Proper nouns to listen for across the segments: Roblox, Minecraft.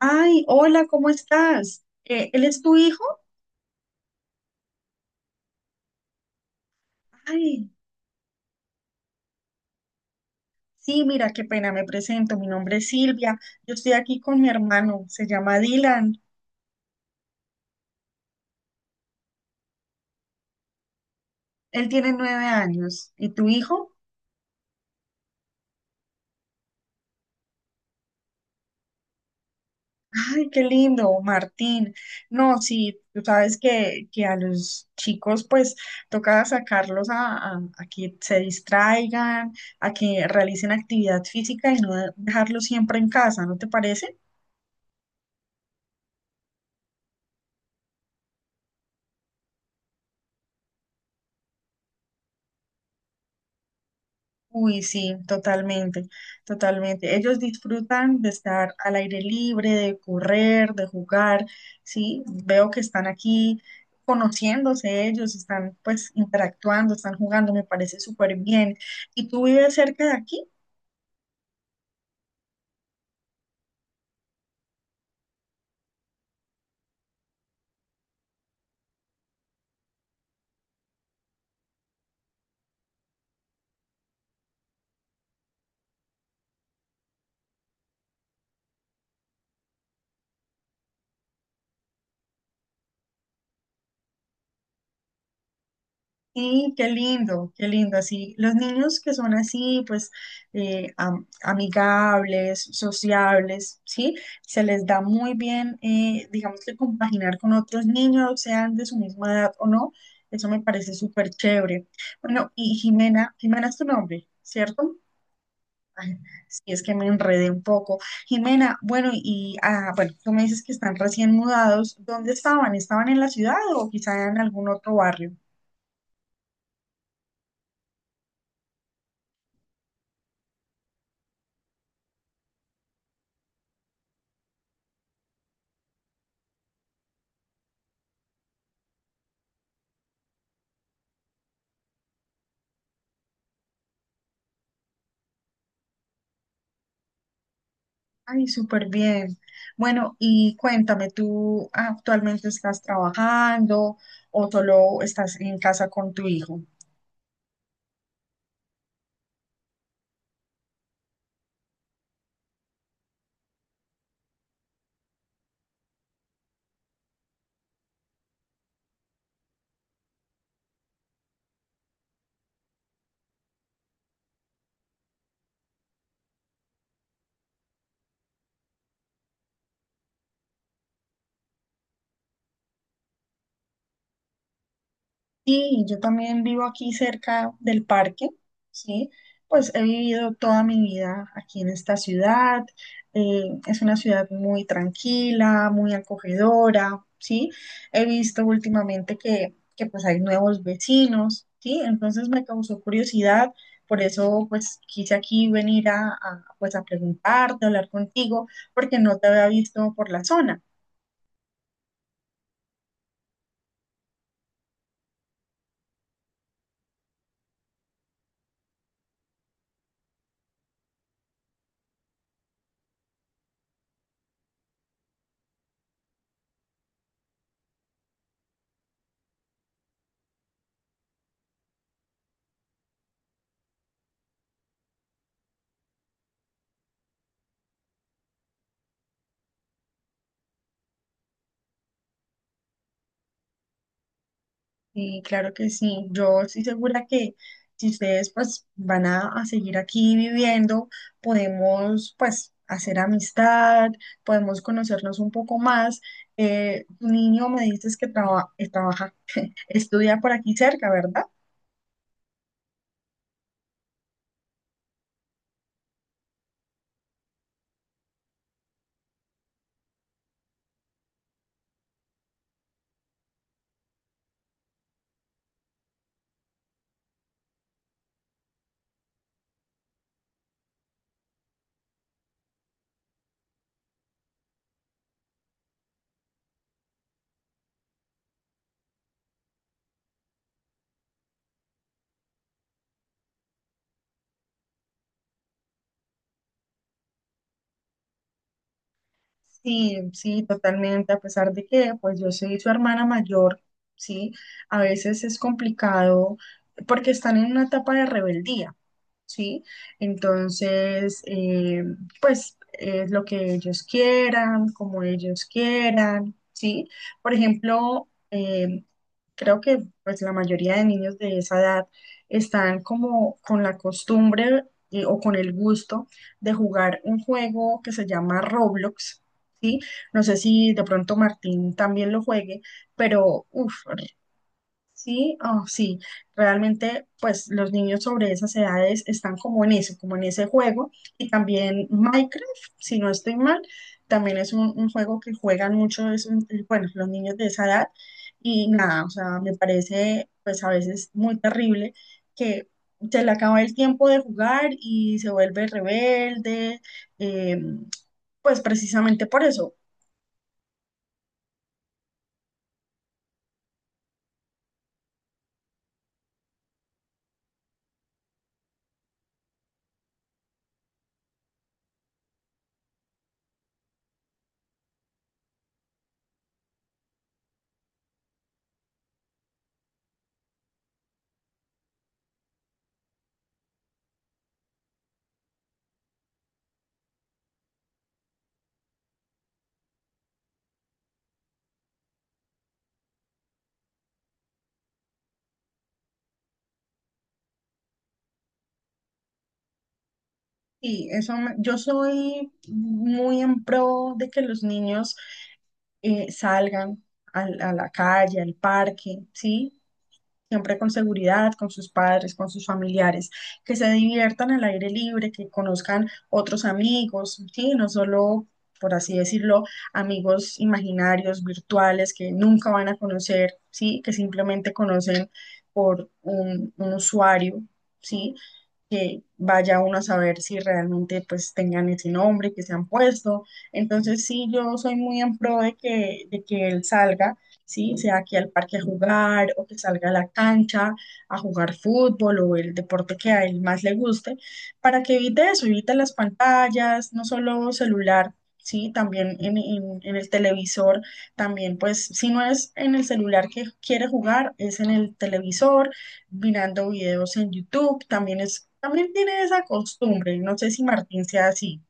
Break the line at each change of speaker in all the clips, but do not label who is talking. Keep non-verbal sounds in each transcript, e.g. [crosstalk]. Ay, hola, ¿cómo estás? ¿Él es tu hijo? Ay, sí, mira, qué pena, me presento. Mi nombre es Silvia. Yo estoy aquí con mi hermano, se llama Dylan. Él tiene 9 años. ¿Y tu hijo? Ay, qué lindo, Martín. No, sí, tú sabes que a los chicos pues toca sacarlos a que se distraigan, a que realicen actividad física y no dejarlos siempre en casa, ¿no te parece? Uy, sí, totalmente, totalmente. Ellos disfrutan de estar al aire libre, de correr, de jugar, sí. Veo que están aquí conociéndose ellos, están pues interactuando, están jugando, me parece súper bien. ¿Y tú vives cerca de aquí? Sí, qué lindo, qué lindo. Así, los niños que son así, pues amigables, sociables, ¿sí? Se les da muy bien, digamos que compaginar con otros niños, sean de su misma edad o no. Eso me parece súper chévere. Bueno, y Jimena, Jimena es tu nombre, ¿cierto? Ay, sí, es que me enredé un poco. Jimena, bueno, y bueno, tú me dices que están recién mudados. ¿Dónde estaban? ¿Estaban en la ciudad o quizá en algún otro barrio? Ay, súper bien. Bueno, y cuéntame, ¿tú actualmente estás trabajando o solo estás en casa con tu hijo? Sí, yo también vivo aquí cerca del parque, ¿sí? Pues he vivido toda mi vida aquí en esta ciudad. Eh, es una ciudad muy tranquila, muy acogedora, ¿sí? He visto últimamente que pues hay nuevos vecinos, ¿sí? Entonces me causó curiosidad, por eso pues quise aquí venir pues a preguntarte, a hablar contigo, porque no te había visto por la zona. Sí, claro que sí. Yo estoy segura que si ustedes pues van a seguir aquí viviendo, podemos pues hacer amistad, podemos conocernos un poco más. Tu niño me dices que trabaja, [laughs] estudia por aquí cerca, ¿verdad? Sí, sí, totalmente, a pesar de que pues yo soy su hermana mayor, sí, a veces es complicado porque están en una etapa de rebeldía, sí, entonces pues es lo que ellos quieran, como ellos quieran, sí, por ejemplo, creo que pues la mayoría de niños de esa edad están como con la costumbre o con el gusto de jugar un juego que se llama Roblox. ¿Sí? No sé si de pronto Martín también lo juegue, pero uff, sí, oh, sí, realmente pues los niños sobre esas edades están como en eso, como en ese juego. Y también Minecraft, si no estoy mal, también es un juego que juegan mucho, es bueno, los niños de esa edad. Y nada, o sea, me parece pues a veces muy terrible que… Se le acaba el tiempo de jugar y se vuelve rebelde, eh, pues precisamente por eso. Sí, eso yo soy muy en pro de que los niños salgan la calle, al parque, ¿sí? Siempre con seguridad, con sus padres, con sus familiares, que se diviertan al aire libre, que conozcan otros amigos, ¿sí? No solo, por así decirlo, amigos imaginarios, virtuales, que nunca van a conocer, ¿sí? Que simplemente conocen por un usuario, ¿sí? Que vaya uno a saber si realmente pues tengan ese nombre que se han puesto. Entonces sí, yo soy muy en pro de que, él salga, sí, sea aquí al parque a jugar o que salga a la cancha a jugar fútbol o el deporte que a él más le guste, para que evite eso, evite las pantallas, no solo celular. Sí, también en el televisor, también pues si no es en el celular que quiere jugar, es en el televisor mirando videos en YouTube, también es, también tiene esa costumbre, no sé si Martín sea así.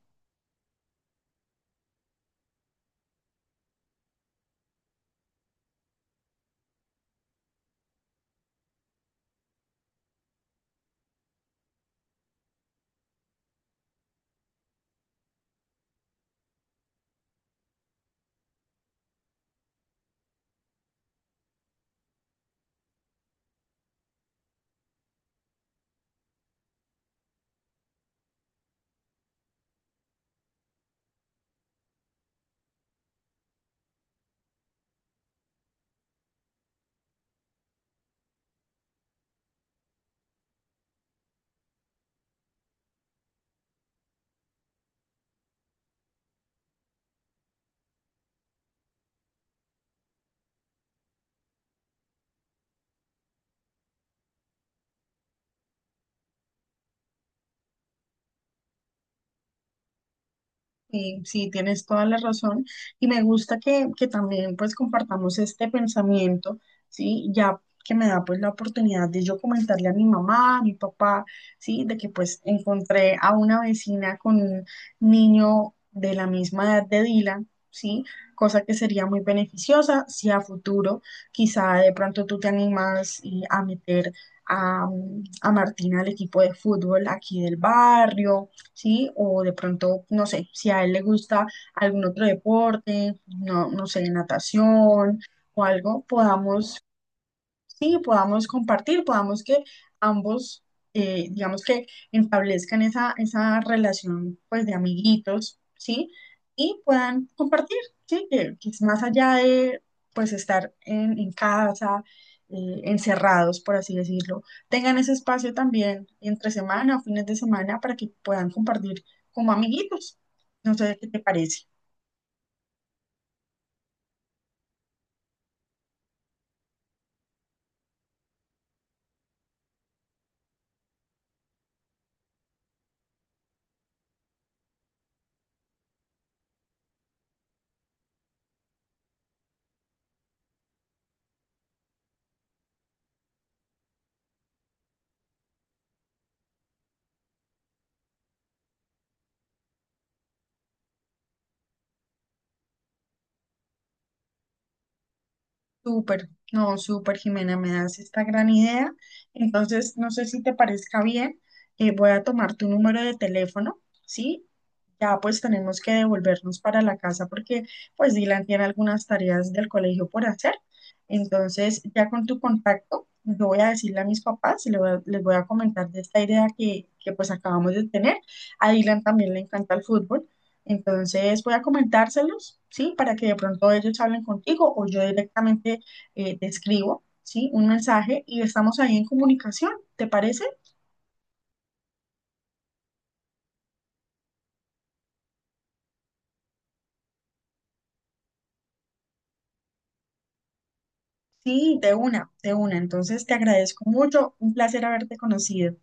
Sí, sí, tienes toda la razón. Y me gusta que también pues compartamos este pensamiento, ¿sí? Ya que me da pues la oportunidad de yo comentarle a mi mamá, a mi papá, ¿sí? De que pues encontré a una vecina con un niño de la misma edad de Dylan, ¿sí? Cosa que sería muy beneficiosa si a futuro quizá de pronto tú te animas y a meter a, a Martina al equipo de fútbol aquí del barrio, ¿sí? O de pronto, no sé, si a él le gusta algún otro deporte, no, no sé, natación o algo, podamos… Sí, podamos compartir, podamos que ambos, digamos que establezcan esa relación pues de amiguitos, ¿sí? Y puedan compartir, ¿sí? Que es más allá de pues estar en casa, encerrados, por así decirlo, tengan ese espacio también entre semana o fines de semana para que puedan compartir como amiguitos. No sé qué te parece. Súper, no, súper, Jimena, me das esta gran idea. Entonces, no sé si te parezca bien, voy a tomar tu número de teléfono, ¿sí? Ya pues tenemos que devolvernos para la casa porque pues Dylan tiene algunas tareas del colegio por hacer. Entonces, ya con tu contacto, yo voy a decirle a mis papás y les voy a comentar de esta idea que pues acabamos de tener. A Dylan también le encanta el fútbol. Entonces voy a comentárselos, ¿sí? Para que de pronto ellos hablen contigo o yo directamente te escribo, ¿sí? Un mensaje y estamos ahí en comunicación, ¿te parece? Sí, de una, de una. Entonces te agradezco mucho, un placer haberte conocido.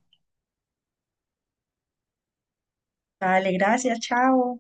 Dale, gracias, chao.